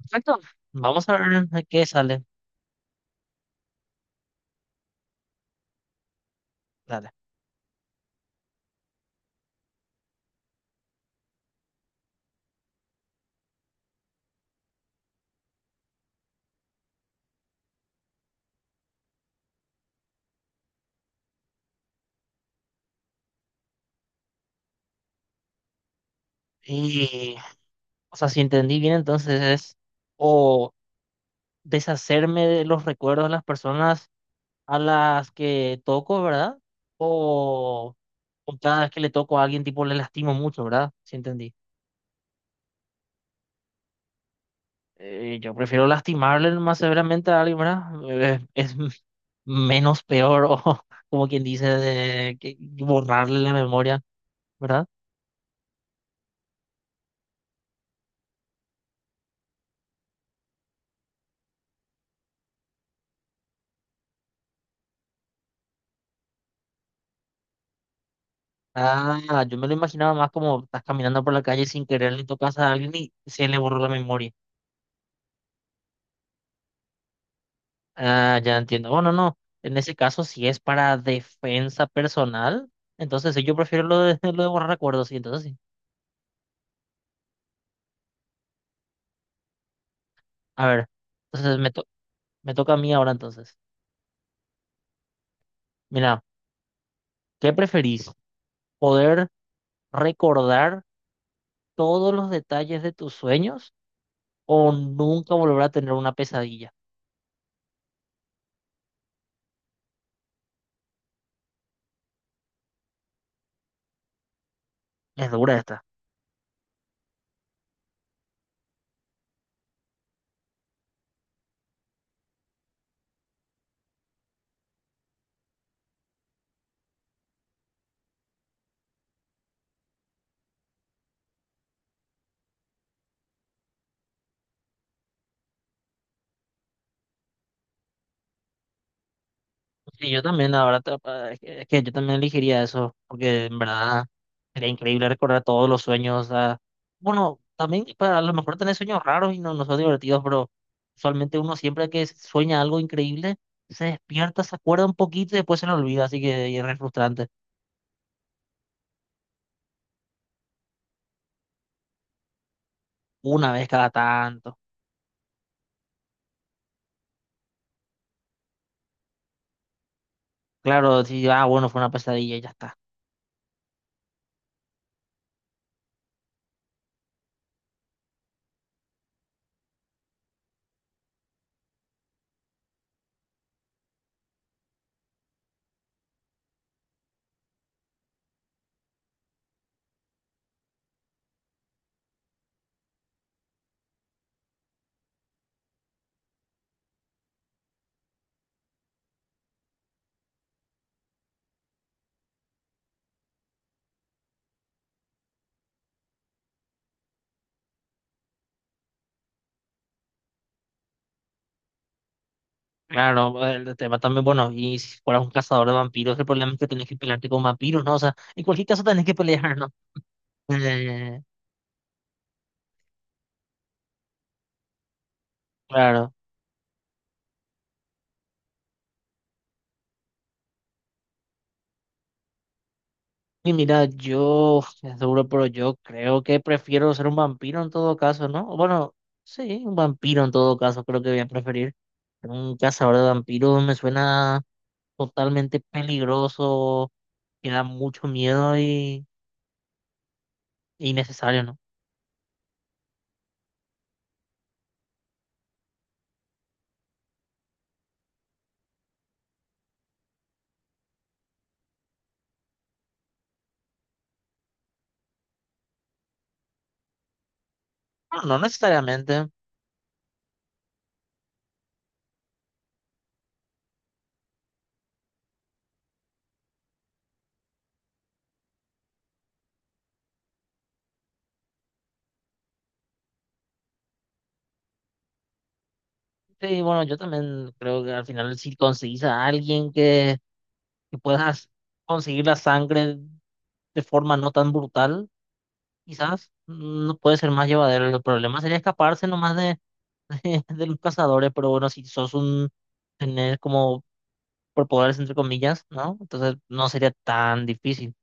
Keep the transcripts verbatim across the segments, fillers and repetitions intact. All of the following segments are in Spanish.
Perfecto. Vamos a ver a qué sale. Dale. Y, o sea, si entendí bien, entonces es o deshacerme de los recuerdos de las personas a las que toco, ¿verdad? O, o cada vez que le toco a alguien, tipo, le lastimo mucho, ¿verdad? Si entendí. Eh, yo prefiero lastimarle más severamente a alguien, ¿verdad? Eh, es m- menos peor, o como quien dice, de, que borrarle la memoria, ¿verdad? Ah, yo me lo imaginaba más como estás caminando por la calle sin querer le tocas a alguien y se le borró la memoria. Ah, ya entiendo. Bueno, no. En ese caso, si es para defensa personal, entonces sí, yo prefiero lo de, lo de borrar recuerdos, sí, entonces sí. A ver, entonces me, to- me toca a mí ahora entonces. Mira, ¿qué preferís? ¿Poder recordar todos los detalles de tus sueños o nunca volver a tener una pesadilla? Es dura esta. Sí, yo también, ahora, es que yo también elegiría eso, porque en verdad... Sería increíble recordar todos los sueños. Ah, bueno, también para, a lo mejor tener sueños raros y no, no son divertidos, pero usualmente uno siempre que sueña algo increíble, se despierta, se acuerda un poquito y después se lo olvida, así que y es re frustrante. Una vez cada tanto. Claro, sí, ah, bueno, fue una pesadilla y ya está. Claro, el tema también, bueno, y si fueras un cazador de vampiros, el problema es que tenés que pelearte con vampiros, ¿no? O sea, en cualquier caso tenés que pelear, ¿no? Eh, claro. Y mira, yo, es duro, pero yo creo que prefiero ser un vampiro en todo caso, ¿no? O bueno, sí, un vampiro en todo caso, creo que voy a preferir. Un cazador de vampiros me suena totalmente peligroso, que da mucho miedo y y innecesario, ¿no? Bueno, no necesariamente. Sí, bueno, yo también creo que al final si conseguís a alguien que, que puedas conseguir la sangre de forma no tan brutal, quizás mm, no puede ser más llevadero. El problema sería escaparse nomás de los cazadores, pero bueno, si sos un tener como por poderes entre comillas, ¿no? Entonces no sería tan difícil.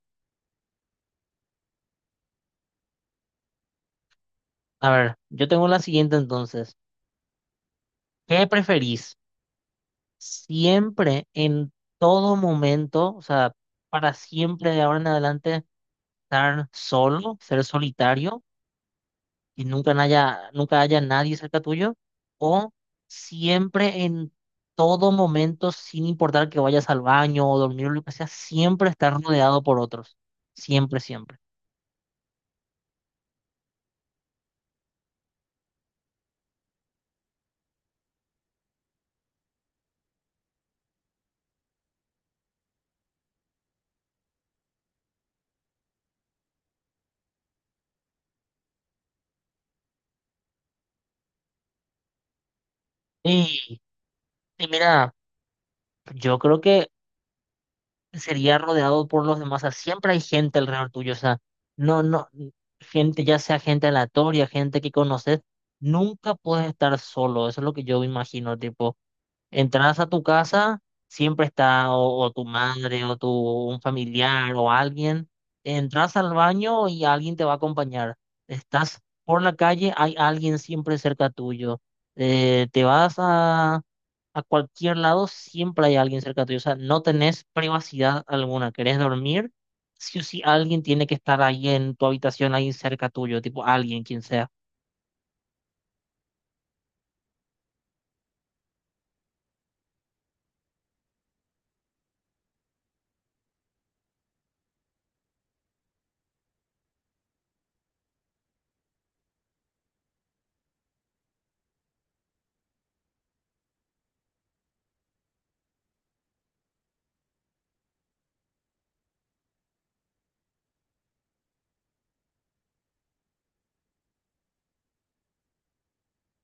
A ver, yo tengo la siguiente entonces. ¿Qué preferís? Siempre, en todo momento, o sea, para siempre de ahora en adelante, estar solo, ser solitario y nunca haya, nunca haya nadie cerca tuyo, o siempre en todo momento, sin importar que vayas al baño o dormir o lo que sea, siempre estar rodeado por otros, siempre, siempre. Y, y mira, yo creo que sería rodeado por los demás, o sea, siempre hay gente alrededor tuyo, o sea, no, no, gente, ya sea gente aleatoria, gente que conoces, nunca puedes estar solo, eso es lo que yo me imagino, tipo. Entras a tu casa, siempre está o, o tu madre o tu un familiar o alguien. Entras al baño y alguien te va a acompañar. Estás por la calle, hay alguien siempre cerca tuyo. Eh, te vas a, a cualquier lado, siempre hay alguien cerca tuyo. O sea, no tenés privacidad alguna. ¿Querés dormir? Sí o sí, alguien tiene que estar ahí en tu habitación, ahí cerca tuyo, tipo alguien, quien sea.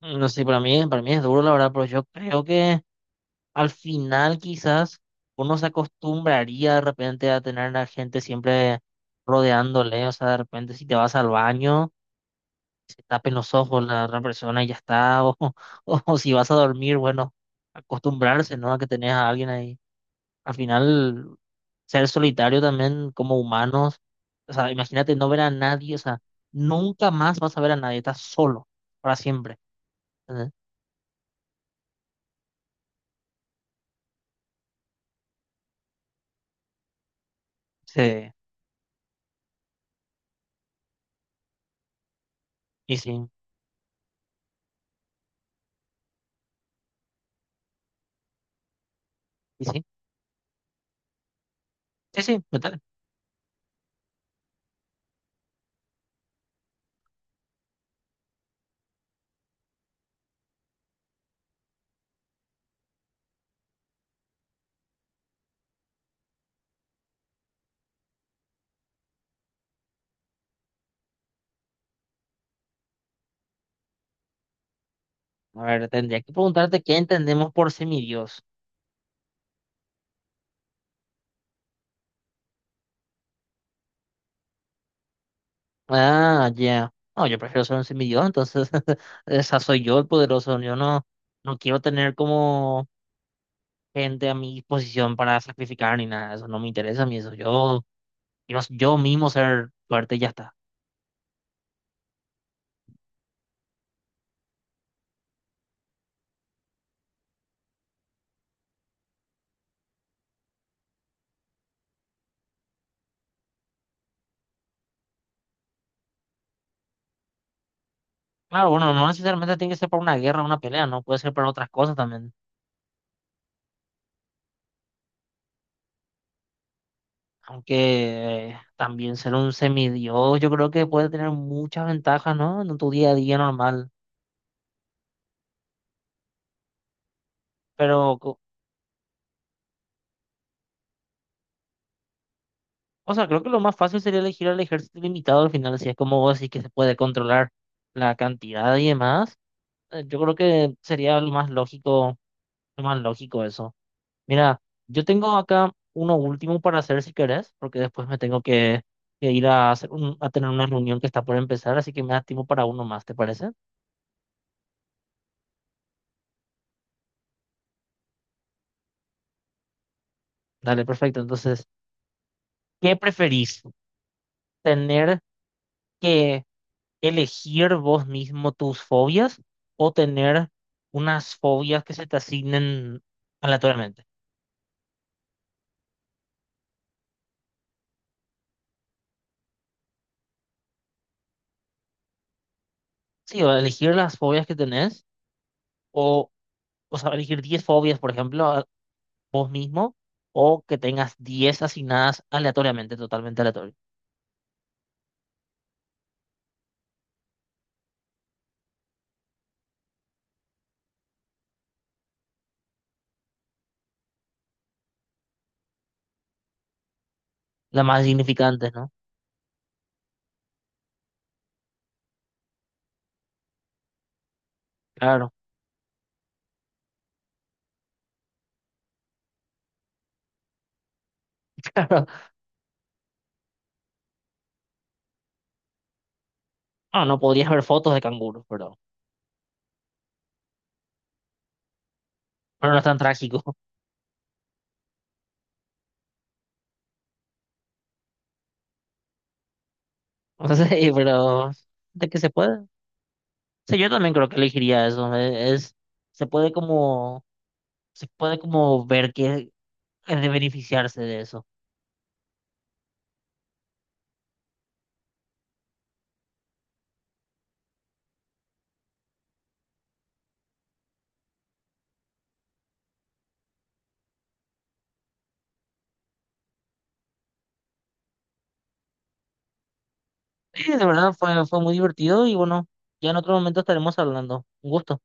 No sé, para mí, para mí es duro, la verdad, pero yo creo que al final quizás uno se acostumbraría de repente a tener a la gente siempre rodeándole, o sea, de repente si te vas al baño, se tapen los ojos la otra persona y ya está, o, o, si vas a dormir, bueno, acostumbrarse, ¿no? A que tenés a alguien ahí. Al final, ser solitario también como humanos, o sea, imagínate no ver a nadie, o sea, nunca más vas a ver a nadie, estás solo, para siempre. ¿Entendés? Sí, y sí, y sí, sí, sí, total. A ver, tendría que preguntarte qué entendemos por semidios. Ah, ya. No, yo prefiero ser un semidios, entonces esa soy yo el poderoso. Yo no, no quiero tener como gente a mi disposición para sacrificar ni nada. Eso no me interesa a mí. Eso yo quiero yo mismo ser fuerte y ya está. Claro, bueno, no necesariamente tiene que ser para una guerra, una pelea, no puede ser para otras cosas también. Aunque eh, también ser un semidios, yo creo que puede tener muchas ventajas, ¿no? En tu día a día normal. Pero o sea, creo que lo más fácil sería elegir al ejército limitado al final, si es como vos decís que se puede controlar la cantidad y demás. eh, Yo creo que sería lo más lógico, lo más lógico eso. Mira, yo tengo acá uno último para hacer si querés, porque después me tengo que, que ir a hacer un- a tener una reunión que está por empezar, así que me da tiempo para uno más, ¿te parece? Dale, perfecto. Entonces, ¿qué preferís? ¿Tener que elegir vos mismo tus fobias o tener unas fobias que se te asignen aleatoriamente? Sí, o elegir las fobias que tenés, o, o sea, elegir diez fobias, por ejemplo, a- vos mismo, o que tengas diez asignadas aleatoriamente, totalmente aleatorio. Las más significantes, ¿no? Claro, claro. No, no podrías ver fotos de canguros, pero, pero no es tan trágico. No sé, pero de que se puede. Sí, yo también creo que elegiría eso. eh, Es, se puede como se puede como ver que es de beneficiarse de eso. Sí, de verdad fue, fue muy divertido y bueno, ya en otro momento estaremos hablando. Un gusto.